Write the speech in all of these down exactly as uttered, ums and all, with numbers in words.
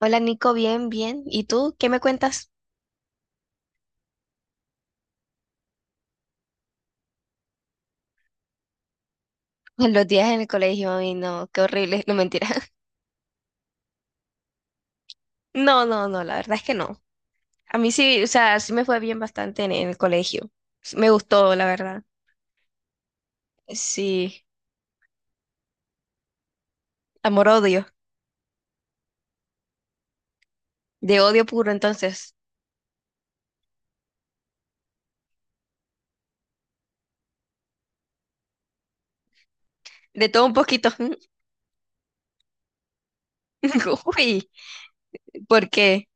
Hola Nico, bien, bien. ¿Y tú qué me cuentas? Los días en el colegio, ay no, qué horrible, no mentira. No, no, no, la verdad es que no. A mí sí, o sea, sí me fue bien bastante en, en el colegio. Sí, me gustó, la verdad. Sí, amor-odio, de odio puro entonces, de todo un poquito. Uy, ¿por qué?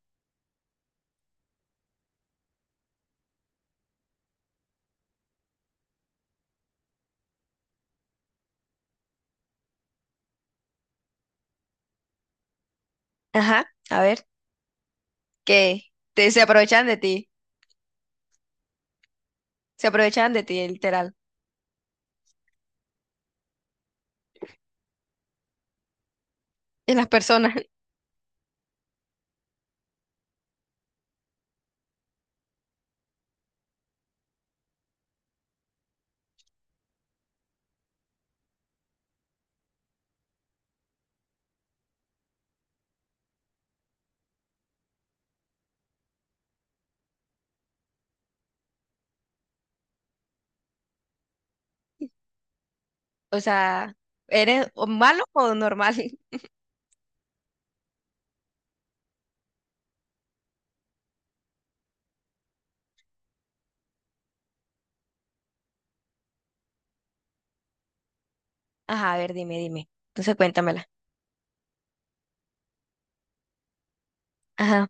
Ajá, a ver, que te, se aprovechan de ti, se aprovechan de ti, literal, en las personas. O sea, ¿eres o malo o normal? Ajá, a ver, dime, dime. Entonces cuéntamela. Ajá.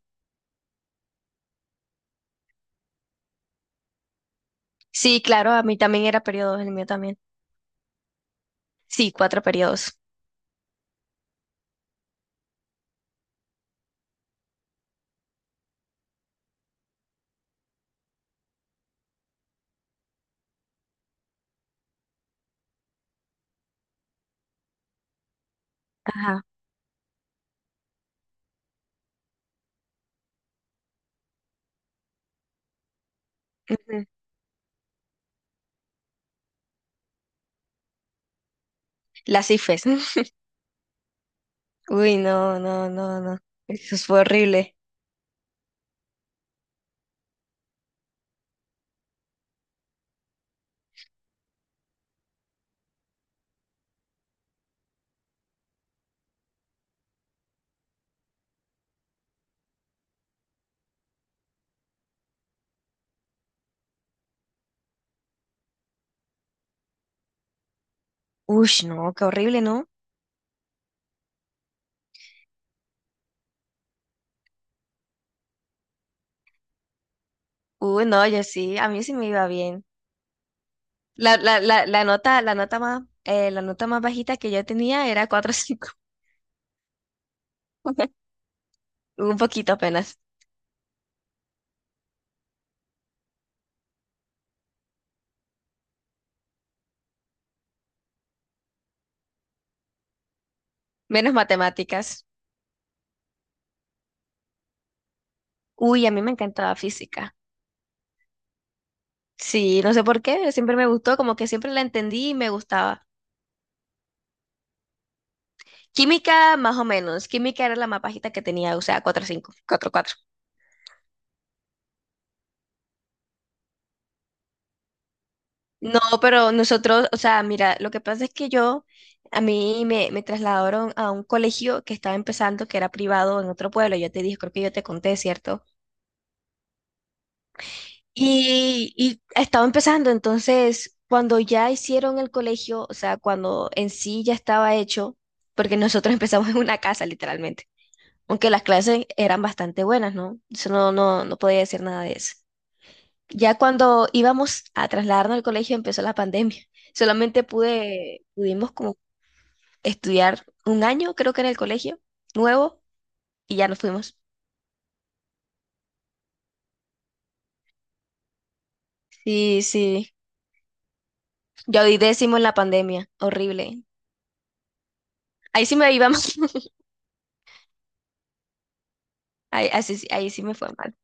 Sí, claro, a mí también era periodo, el mío también. Sí, cuatro periodos. Ajá. Ujú. Las IFES. Uy, no, no, no, no. Eso fue horrible. Uy, no, qué horrible, ¿no? Uy, no, yo sí, a mí sí me iba bien. La, la, la, la nota, la nota más, eh, la nota más bajita que yo tenía era cuatro cinco. Un poquito apenas. Menos matemáticas. Uy, a mí me encantaba física. Sí, no sé por qué, siempre me gustó, como que siempre la entendí y me gustaba. Química, más o menos. Química era la más bajita que tenía, o sea, cuatro cinco, cuatro cuatro. No, pero nosotros, o sea, mira, lo que pasa es que yo, a mí me, me trasladaron a un colegio que estaba empezando, que era privado en otro pueblo. Yo te dije, creo que yo te conté, ¿cierto? Y, y estaba empezando, entonces, cuando ya hicieron el colegio, o sea, cuando en sí ya estaba hecho, porque nosotros empezamos en una casa, literalmente. Aunque las clases eran bastante buenas, ¿no? Eso no, no, no podía decir nada de eso. Ya cuando íbamos a trasladarnos al colegio empezó la pandemia. Solamente pude, pudimos como estudiar un año, creo que en el colegio, nuevo, y ya nos fuimos. Sí, sí. Yo di décimo en la pandemia, horrible. Ahí sí me iba mal. Ahí, así sí- ahí sí me fue mal.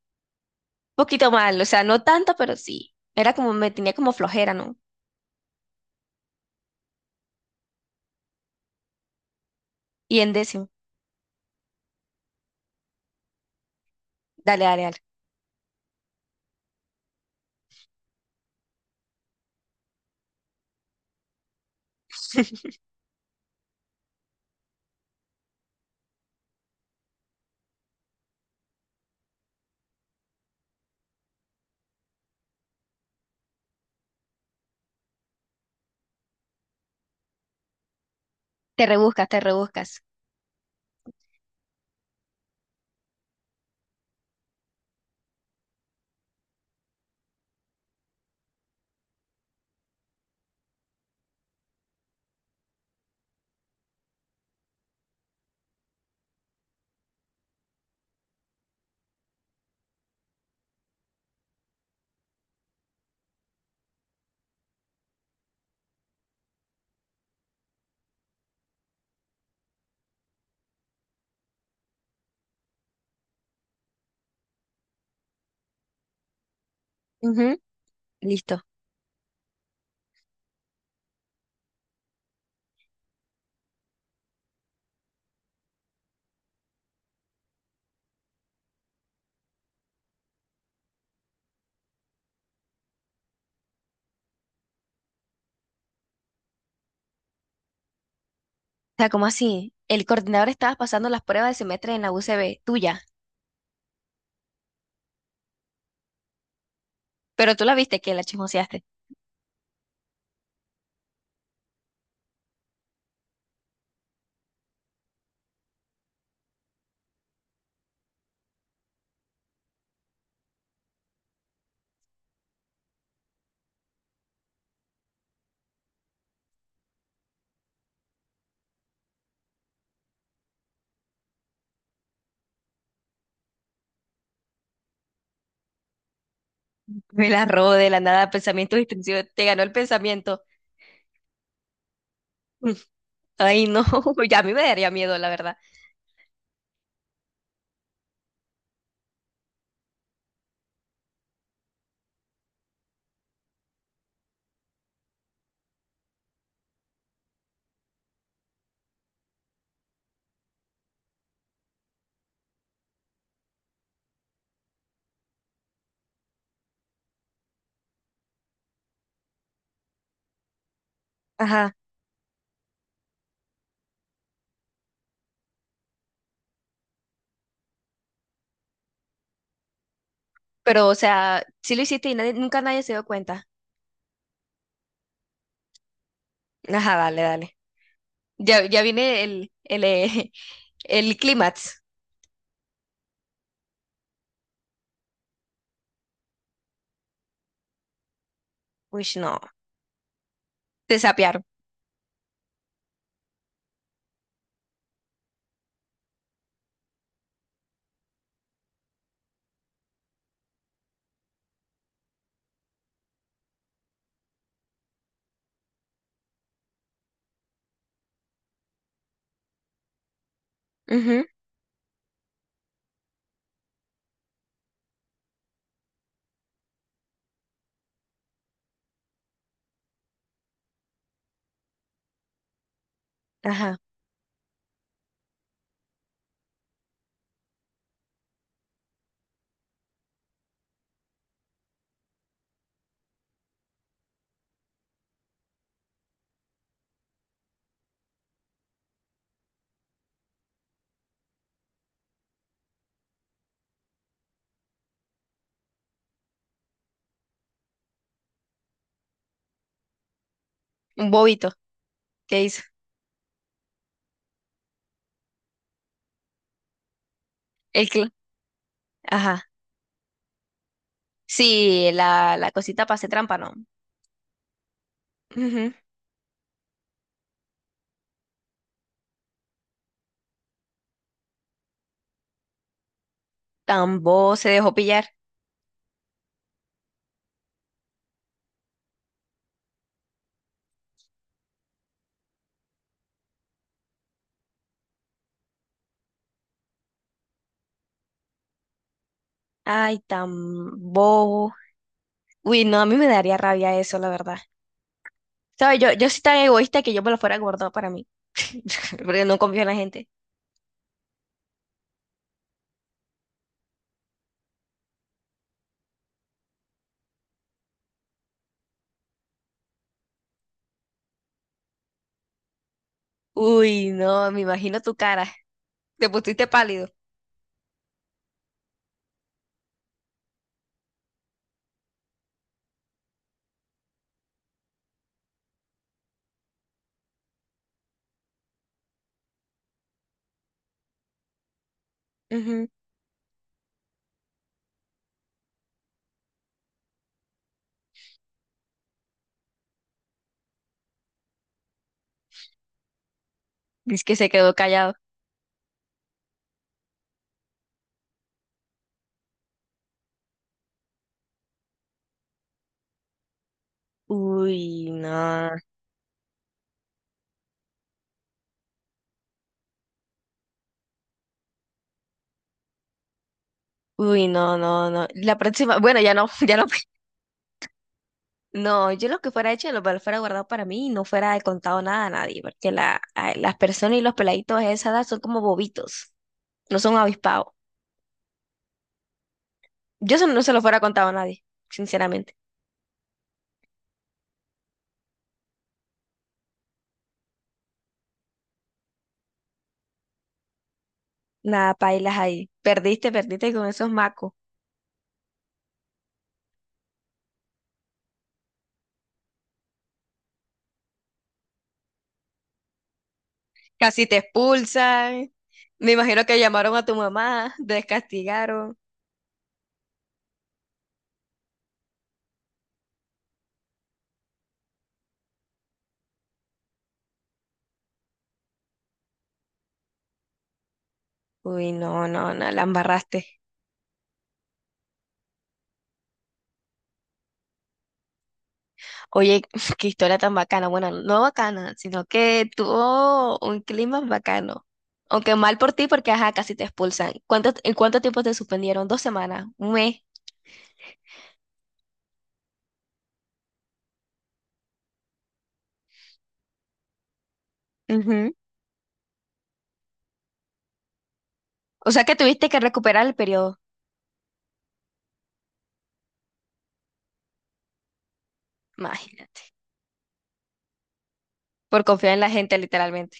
Poquito mal, o sea, no tanto, pero sí. Era como, me tenía como flojera, ¿no? Y en décimo. Dale, dale, dale. Te rebuscas, te rebuscas. Ujú, listo. O sea, ¿cómo así? El coordinador estaba pasando las pruebas de semestre en la U C B, tuya. Pero tú la viste que la chismoseaste. Me la robó de la nada, pensamiento distintivo. Te ganó el pensamiento. Mm. Ay, no, ya a mí me daría miedo, la verdad. Ajá, pero o sea, sí lo hiciste y nadie, nunca nadie se dio cuenta. Ajá, dale, dale. Ya, ya viene el, el, eh, el clímax. Uy, no, te sapearon. Ujú. Ajá, un bobito, ¿qué hizo? El cl- Ajá, sí, la, la cosita para hacer trampa, ¿no? Ujú. Tan bobo se dejó pillar. Ay, tan bobo. Uy, no, a mí me daría rabia eso, la verdad. ¿Sabes? Yo, yo soy tan egoísta que yo me lo fuera guardado para mí. Porque no confío en la gente. Uy, no, me imagino tu cara. Te pusiste pálido. Ujú. Dice que se quedó callado. Uy, no. Uy, no, no, no. La próxima, bueno, ya no, ya no. No, yo lo que fuera hecho, lo que fuera guardado para mí y no fuera contado nada a nadie, porque la, a- las personas y los peladitos de esa edad son como bobitos, no son avispados. Yo eso no se lo fuera contado a nadie, sinceramente. Nada, pailas ahí. Perdiste, perdiste con esos macos. Casi te expulsan. Me imagino que llamaron a tu mamá, te descastigaron. Uy, no, no, no, la embarraste. Oye, qué historia tan bacana. Bueno, no bacana, sino que tuvo un clima bacano. Aunque mal por ti, porque ajá, casi te expulsan. ¿Cuánto, en cuánto tiempo te suspendieron? ¿Dos semanas? ¿Un mes? Ujú. O sea que tuviste que recuperar el periodo. Imagínate. Por confiar en la gente, literalmente.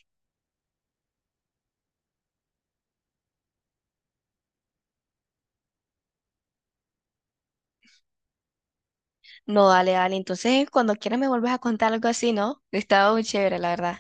No, dale, dale. Entonces, cuando quieras me vuelves a contar algo así, ¿no? Estaba muy chévere, la verdad.